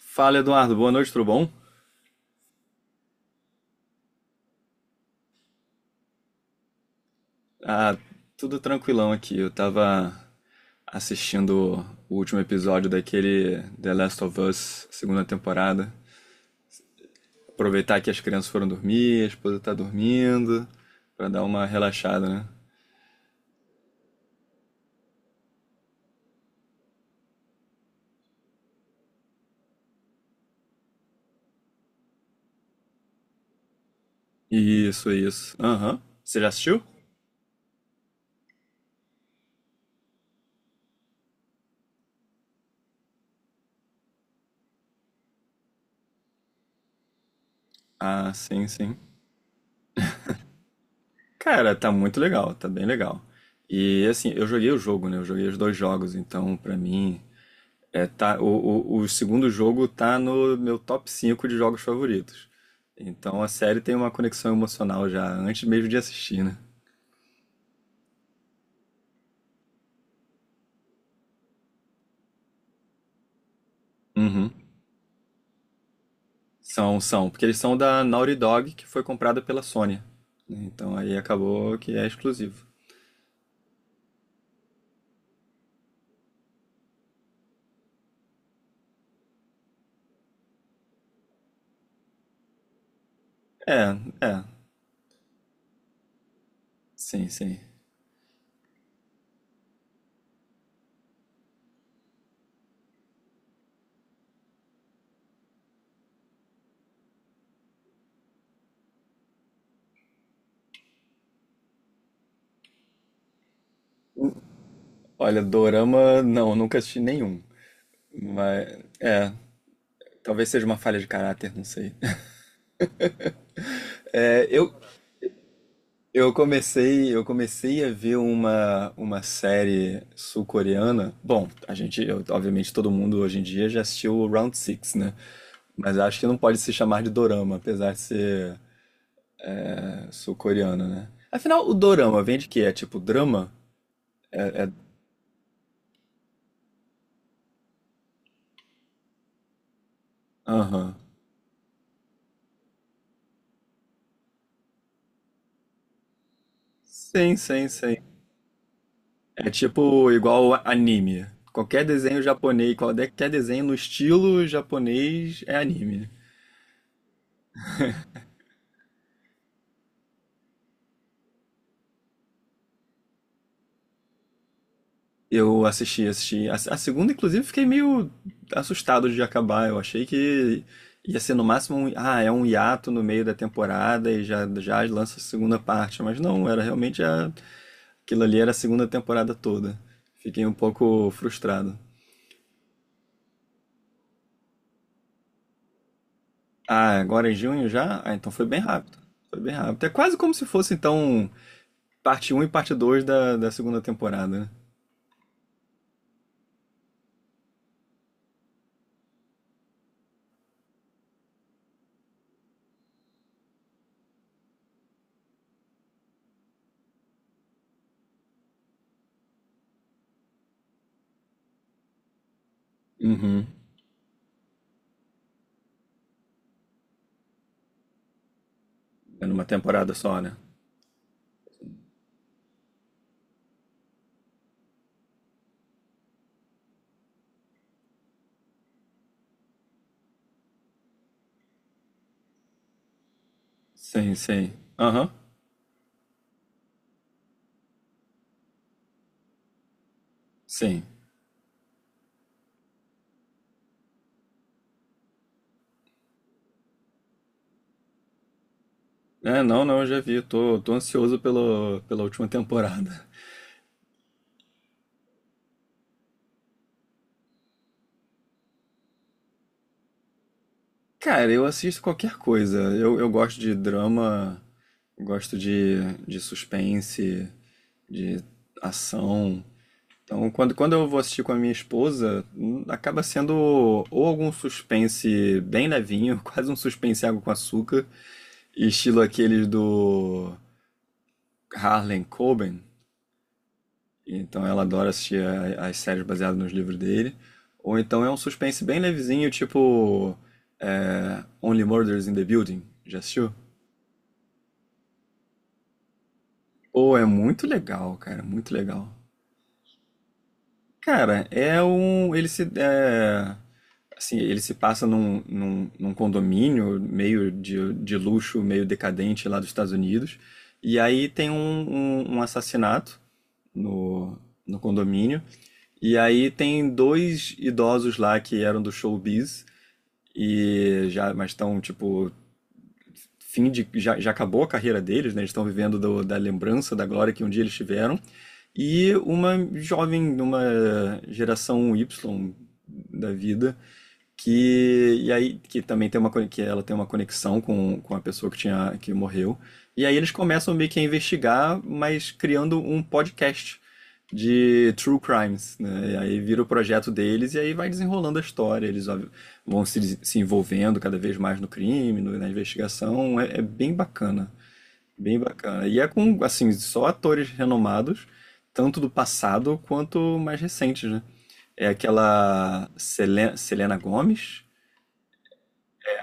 Fala, Eduardo. Boa noite, tudo bom? Ah, tudo tranquilão aqui. Eu tava assistindo o último episódio daquele The Last of Us, segunda temporada. Aproveitar que as crianças foram dormir, a esposa tá dormindo, pra dar uma relaxada, né? Isso, isso. Aham. Você já assistiu? Ah, sim, sim. Cara, tá muito legal, tá bem legal. E assim, eu joguei o jogo, né? Eu joguei os dois jogos, então pra mim é, tá, o segundo jogo tá no meu top 5 de jogos favoritos. Então a série tem uma conexão emocional já antes mesmo de assistir, né? Uhum. São, porque eles são da Naughty Dog, que foi comprada pela Sony, né? Então aí acabou que é exclusivo. É, é, sim, sim. Olha, dorama, não, nunca assisti nenhum. Mas, talvez seja uma falha de caráter, não sei. É, eu, eu comecei a ver uma série sul-coreana. Bom, obviamente, todo mundo hoje em dia já assistiu o Round Six, né? Mas acho que não pode se chamar de dorama, apesar de ser sul-coreana, né? Afinal, o dorama vem de quê? É tipo drama? Aham. Sim, sim, sim. É tipo igual anime. Qualquer desenho japonês, qualquer desenho no estilo japonês é anime. Eu assisti, assisti. A segunda, inclusive, fiquei meio assustado de acabar. Eu achei que ia ser no máximo um hiato no meio da temporada e já lança a segunda parte. Mas não, aquilo ali era a segunda temporada toda. Fiquei um pouco frustrado. Ah, agora em junho já? Ah, então foi bem rápido. Foi bem rápido. É quase como se fosse, então, parte um e parte 2 da segunda temporada, né? Uhum. É numa temporada só, né? Sim, sim. Aham. Sim. É, não, não, eu já vi. Eu tô ansioso pela última temporada. Cara, eu assisto qualquer coisa. Eu gosto de drama, gosto de suspense, de ação. Então, quando eu vou assistir com a minha esposa, acaba sendo ou algum suspense bem levinho, quase um suspense água com açúcar, estilo aqueles do Harlan Coben. Então ela adora assistir as séries baseadas nos livros dele. Ou então é um suspense bem levezinho, tipo Only Murders in the Building. Já assistiu? Ou é muito legal. Cara, é um. Ele se. Ele se passa num condomínio meio de luxo, meio decadente lá dos Estados Unidos. E aí tem um assassinato no, no condomínio. E aí tem dois idosos lá que eram do showbiz e mas estão tipo fim de já acabou a carreira deles, né? Eles estão vivendo da lembrança, da glória que um dia eles tiveram. E uma jovem, uma geração Y da vida, que e aí que também tem que ela tem uma conexão com a pessoa que tinha que morreu. E aí eles começam meio que a investigar, mas criando um podcast de true crimes, né? E aí vira o projeto deles e aí vai desenrolando a história. Eles ó, vão se envolvendo cada vez mais no crime, na investigação. É bem bacana, bem bacana. E é com assim só atores renomados, tanto do passado quanto mais recentes, né? É aquela Selena Gomes,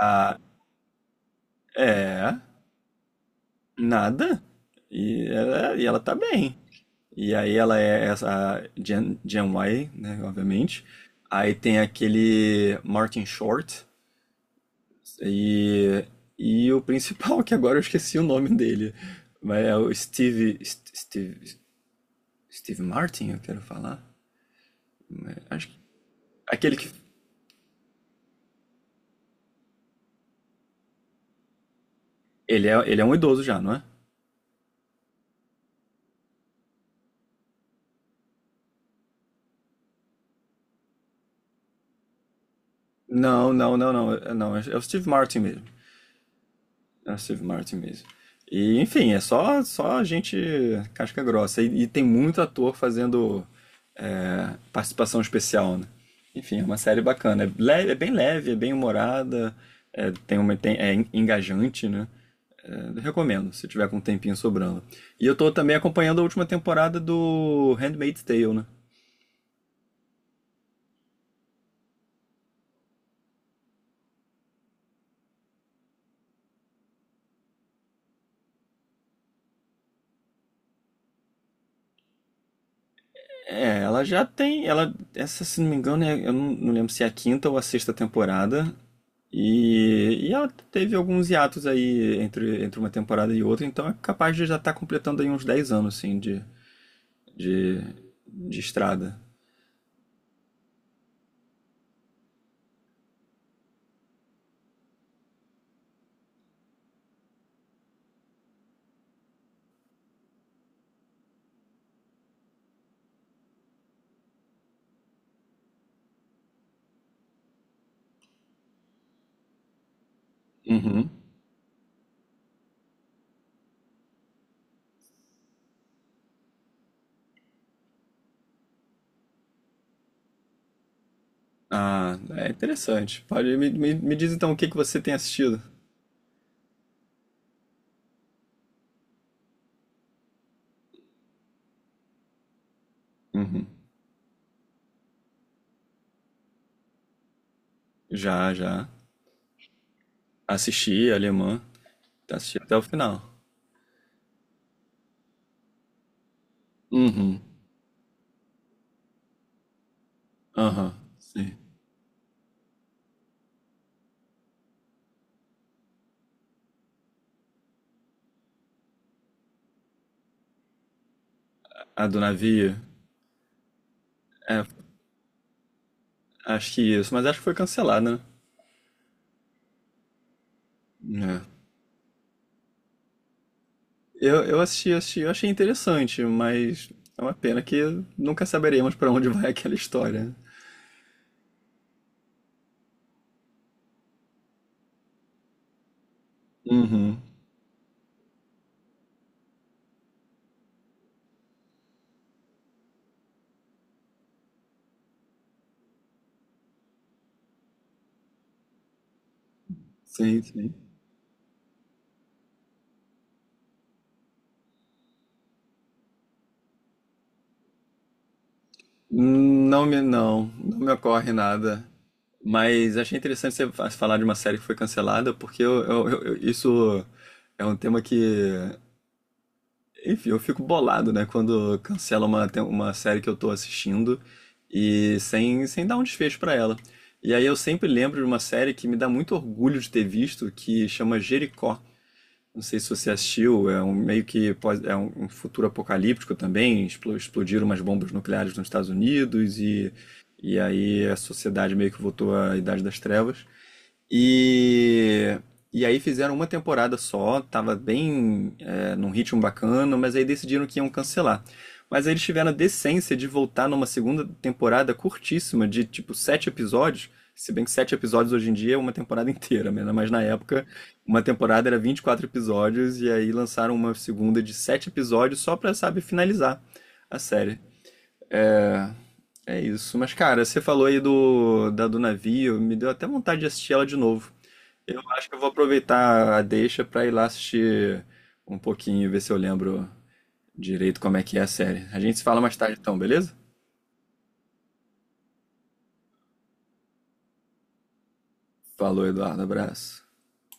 ah, é, nada. E ela tá bem. E aí ela é essa a Gen Y, né, obviamente. Aí tem aquele Martin Short e, e o principal, que agora eu esqueci o nome dele. Mas é o Steve Martin, eu quero falar. Acho que, aquele que, ele é um idoso já, não é? Não, não, não, não, não, é o Steve Martin mesmo. É o Steve Martin mesmo. E, enfim, é só gente casca grossa. E tem muito ator fazendo participação especial, né? Enfim, é uma série bacana. É leve, é bem humorada, é, é engajante, né? É, recomendo, se tiver com um tempinho sobrando. E eu tô também acompanhando a última temporada do Handmaid's Tale, né? É, ela já tem. Ela, essa, se não me engano, eu não lembro se é a quinta ou a sexta temporada. E ela teve alguns hiatos aí entre uma temporada e outra, então é capaz de já estar completando aí uns 10 anos, assim, de, de estrada. Uhum. Ah, é interessante. Me diz então o que que você tem assistido. Uhum. Já, já. Assisti Alemã. Assisti até o final. Uhum. Aham. Sim. A do navio. É, acho que isso. Mas acho que foi cancelada, né? Eu assisti, eu achei interessante, mas é uma pena que nunca saberemos pra onde vai aquela história. Uhum. Sim, sim. Não me ocorre nada. Mas achei interessante você falar de uma série que foi cancelada, porque isso é um tema que, enfim, eu fico bolado, né, quando cancela uma série que eu tô assistindo e sem dar um desfecho pra ela. E aí eu sempre lembro de uma série que me dá muito orgulho de ter visto, que chama Jericó. Não sei se você assistiu, é um meio que é um futuro apocalíptico também. Explodiram umas bombas nucleares nos Estados Unidos e aí a sociedade meio que voltou à Idade das Trevas. E, e aí fizeram uma temporada só, tava bem num ritmo bacana, mas aí decidiram que iam cancelar. Mas aí eles tiveram a decência de voltar numa segunda temporada curtíssima, de tipo sete episódios. Se bem que sete episódios hoje em dia é uma temporada inteira, né? Mas na época uma temporada era 24 episódios, e aí lançaram uma segunda de sete episódios só pra, sabe, finalizar a série. É, é isso. Mas, cara, você falou aí da do navio, me deu até vontade de assistir ela de novo. Eu acho que eu vou aproveitar a deixa pra ir lá assistir um pouquinho e ver se eu lembro direito como é que é a série. A gente se fala mais tarde então, beleza? Falou, Eduardo. Abraço.